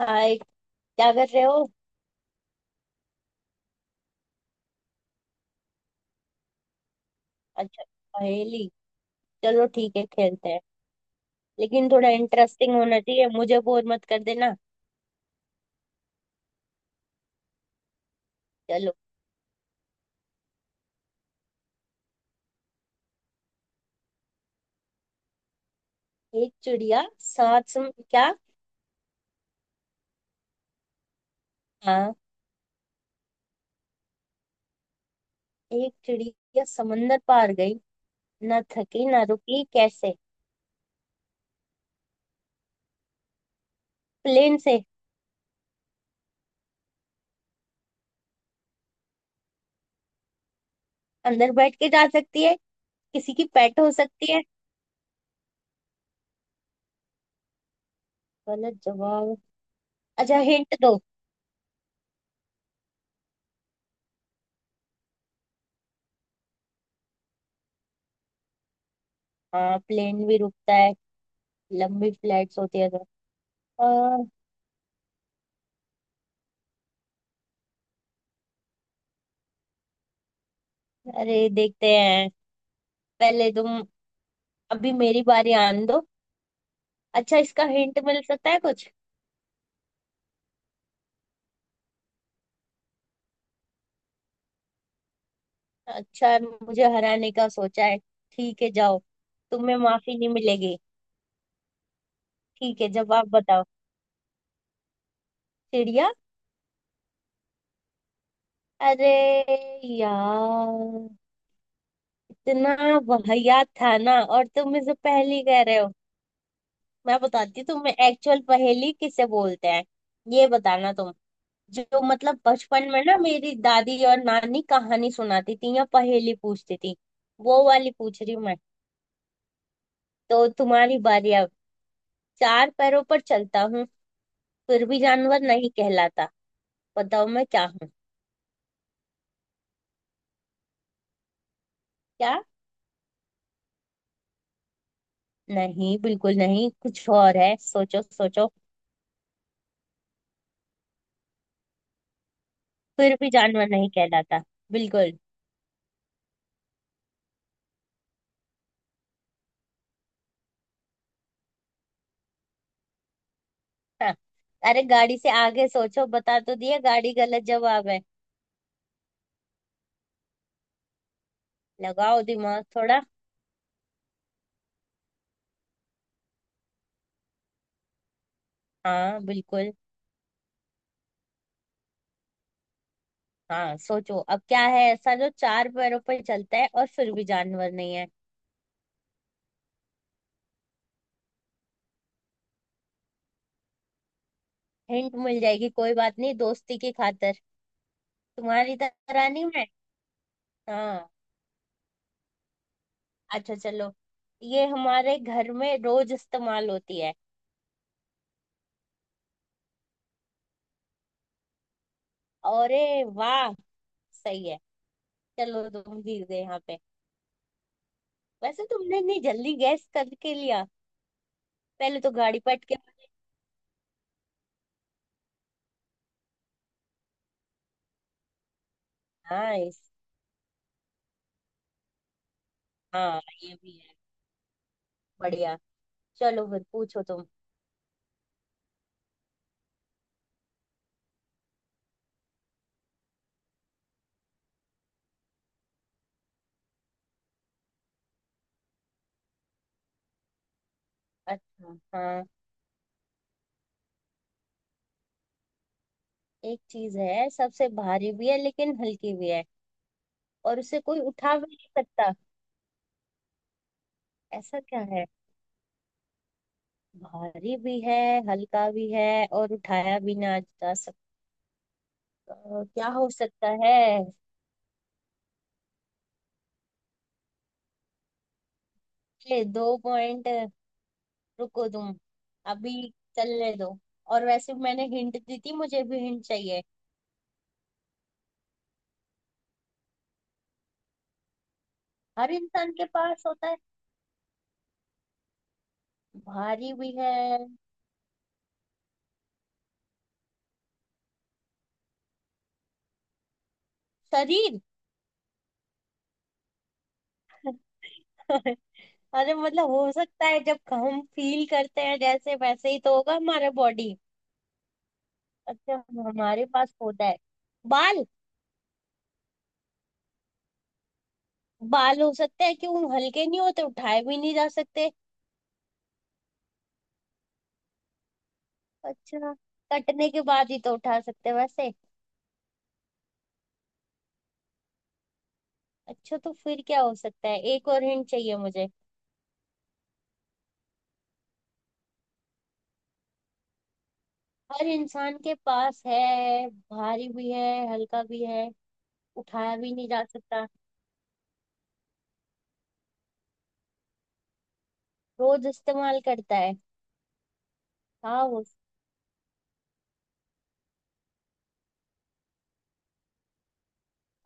हाय, क्या कर रहे हो? अच्छा, पहेली। चलो ठीक है, खेलते हैं। लेकिन थोड़ा इंटरेस्टिंग होना चाहिए, मुझे बोर मत कर देना। चलो। एक चिड़िया क्या? हाँ। एक चिड़िया समंदर पार गई, ना थकी ना रुकी, कैसे? प्लेन से। अंदर बैठ के जा सकती है। किसी की पेट हो सकती है। गलत जवाब। अच्छा, हिंट दो। हाँ, प्लेन भी रुकता है। लंबी फ्लाइट्स होती है तो। आ, अरे, देखते हैं। पहले तुम। अभी मेरी बारी आने दो। अच्छा, इसका हिंट मिल सकता है कुछ? अच्छा, मुझे हराने का सोचा है। ठीक है, जाओ। तुम्हें माफी नहीं मिलेगी। ठीक है, जवाब बताओ। चिड़िया। अरे यार, इतना वाहियात था ना, और तुम इसे पहेली कह रहे हो। मैं बताती हूँ तुम्हें एक्चुअल पहेली किसे बोलते हैं। ये बताना तुम। जो मतलब बचपन में ना मेरी दादी और नानी कहानी सुनाती थी या पहेली पूछती थी, वो वाली पूछ रही हूँ मैं। तो तुम्हारी बारी। चार पैरों पर चलता हूँ, फिर भी जानवर नहीं कहलाता। बताओ मैं क्या हूँ? क्या? नहीं, बिल्कुल नहीं, कुछ और है। सोचो सोचो। फिर भी जानवर नहीं कहलाता। बिल्कुल। हाँ। अरे, गाड़ी से आगे सोचो। बता तो दिया, गाड़ी गलत जवाब है। लगाओ दिमाग थोड़ा। हाँ बिल्कुल। हाँ, सोचो अब क्या है ऐसा जो चार पैरों पर चलता है और फिर भी जानवर नहीं है? हिंट मिल जाएगी, कोई बात नहीं, दोस्ती की खातिर। तुम्हारी तरह नहीं मैं। हाँ। अच्छा चलो। ये हमारे घर में रोज इस्तेमाल होती है। अरे, वाह, सही है। चलो, तुम जीत गए यहाँ पे। वैसे तुमने इतनी जल्दी गैस करके लिया। पहले तो गाड़ी पट के। हाँ, इस। हाँ, ये भी है। बढ़िया। चलो फिर पूछो तुम। अच्छा, हाँ। एक चीज है सबसे भारी भी है लेकिन हल्की भी है। और उसे कोई उठा भी नहीं सकता। ऐसा क्या है? भारी भी है, हल्का भी है, और उठाया भी ना जा सकता। क्या हो सकता है? ये दो पॉइंट। रुको तुम। अभी चलने दो। और वैसे मैंने हिंट दी थी, मुझे भी हिंट चाहिए। हर इंसान के पास होता है। भारी भी है। शरीर। अरे मतलब हो सकता है, जब हम फील करते हैं जैसे, वैसे ही तो होगा हमारा बॉडी। अच्छा। हमारे पास होता है। बाल। बाल हो सकते हैं, क्यों हल्के नहीं होते, उठाए भी नहीं जा सकते। अच्छा, कटने के बाद ही तो उठा सकते हैं वैसे। अच्छा तो फिर क्या हो सकता है, एक और हिंट चाहिए मुझे। हर इंसान के पास है, भारी भी है, हल्का भी है, उठाया भी नहीं जा सकता, रोज इस्तेमाल करता है। हाँ, वो।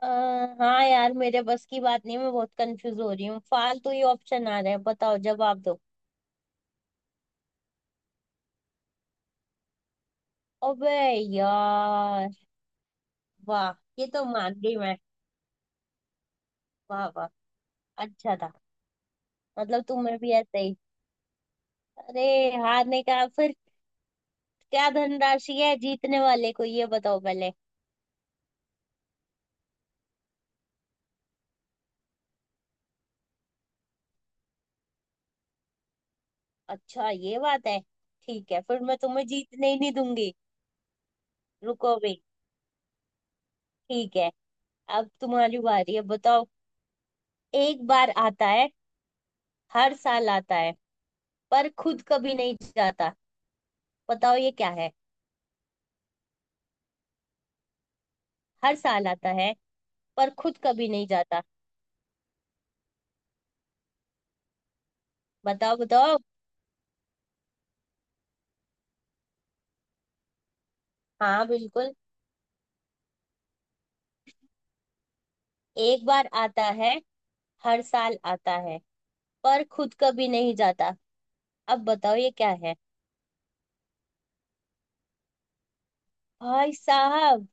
आ, हाँ यार, मेरे बस की बात नहीं, मैं बहुत कंफ्यूज हो रही हूँ, फालतू ही ऑप्शन आ रहे हैं। बताओ, जवाब दो। अबे यार, वाह, ये तो मान गई मैं। वाह वाह। अच्छा था। मतलब तुम्हें भी ऐसे ही। अरे, हारने का फिर। क्या धनराशि है जीतने वाले को, ये बताओ पहले। अच्छा, ये बात है। ठीक है, फिर मैं तुम्हें जीतने ही नहीं दूंगी। रुको भी। ठीक है। अब तुम्हारी बारी है, बताओ। एक बार आता है, हर साल आता है, पर खुद कभी नहीं जाता। बताओ ये क्या है? हर साल आता है, पर खुद कभी नहीं जाता। बताओ बताओ। हाँ बिल्कुल। एक बार आता है, हर साल आता है, पर खुद कभी नहीं जाता। अब बताओ ये क्या है? भाई साहब,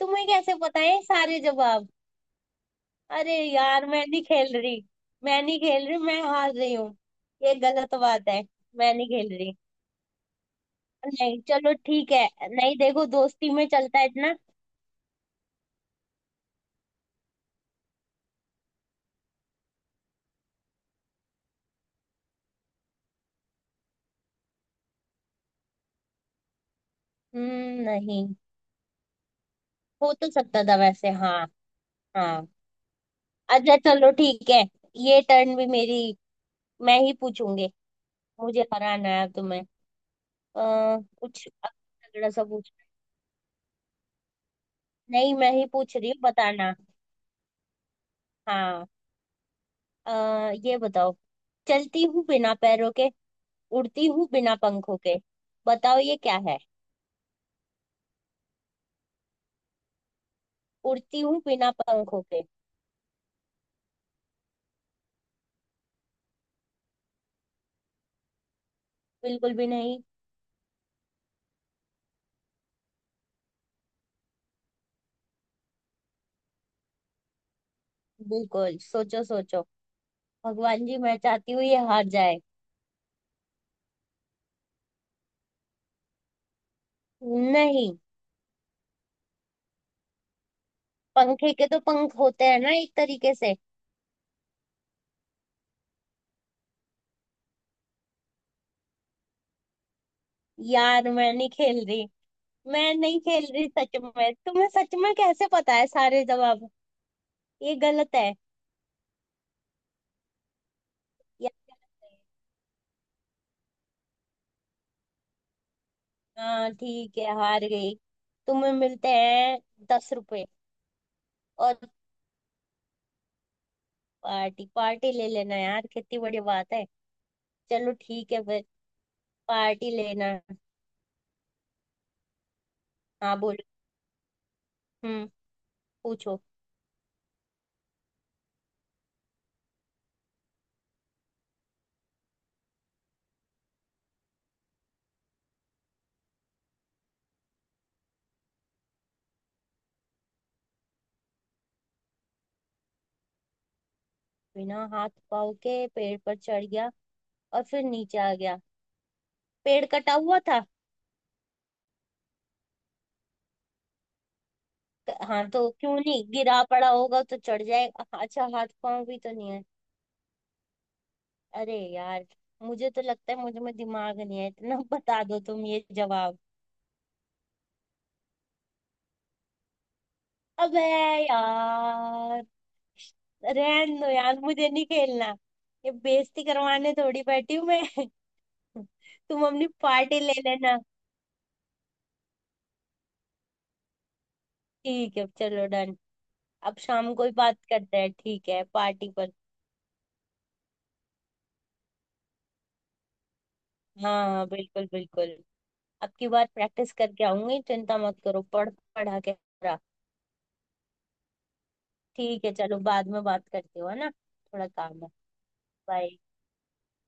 तुम्हें कैसे पता है ये सारे जवाब? अरे यार, मैं नहीं खेल रही। मैं नहीं खेल रही, मैं हार रही हूँ। ये गलत बात है। मैं नहीं खेल रही। नहीं चलो ठीक है, नहीं देखो, दोस्ती में चलता है इतना। हम्म, नहीं। हो तो सकता था वैसे, हाँ। हाँ, अच्छा चलो ठीक है। ये टर्न भी मेरी, मैं ही पूछूंगी। मुझे हराना है अब तुम्हें। कुछ तगड़ा सा पूछ। नहीं, मैं ही पूछ रही हूँ, बताना। हाँ। ये बताओ। चलती हूँ बिना पैरों के, उड़ती हूँ बिना पंखों के। बताओ ये क्या है? उड़ती हूँ बिना पंखों के। बिल्कुल भी नहीं। बिल्कुल, सोचो सोचो। भगवान जी, मैं चाहती हूँ ये हार जाए। नहीं। पंखे के तो पंख होते हैं ना एक तरीके से। यार, मैं नहीं खेल रही। मैं नहीं खेल रही, सच में तुम्हें सच में कैसे पता है सारे जवाब? ये गलत है। यार, हाँ ठीक है, हार गई। तुम्हें मिलते हैं 10 रुपए। और, पार्टी पार्टी ले लेना यार, कितनी बड़ी बात है। चलो ठीक है फिर। पार्टी लेना। हाँ, बोलो। हम्म। पूछो। बिना हाथ पाँव के पेड़ पर चढ़ गया और फिर नीचे आ गया। पेड़ कटा हुआ था। हाँ तो क्यों नहीं, गिरा पड़ा होगा तो चढ़ जाएगा, अच्छा हाथ पांव भी तो नहीं है। अरे यार, मुझे तो लगता है मुझे में दिमाग नहीं है इतना। बता दो तुम ये जवाब। अबे यार, रहन दो यार, मुझे नहीं खेलना। ये बेइज्जती करवाने थोड़ी बैठी हूँ मैं। तुम अपनी पार्टी ले लेना। ठीक है, चलो डन। अब शाम को ही बात करते हैं, ठीक है, पार्टी पर। हाँ हाँ बिल्कुल बिल्कुल। अब की बार प्रैक्टिस करके आऊंगी, चिंता मत करो, पढ़ पढ़ा के पूरा। ठीक है, चलो बाद में बात करती हो है ना, थोड़ा काम है। बाय।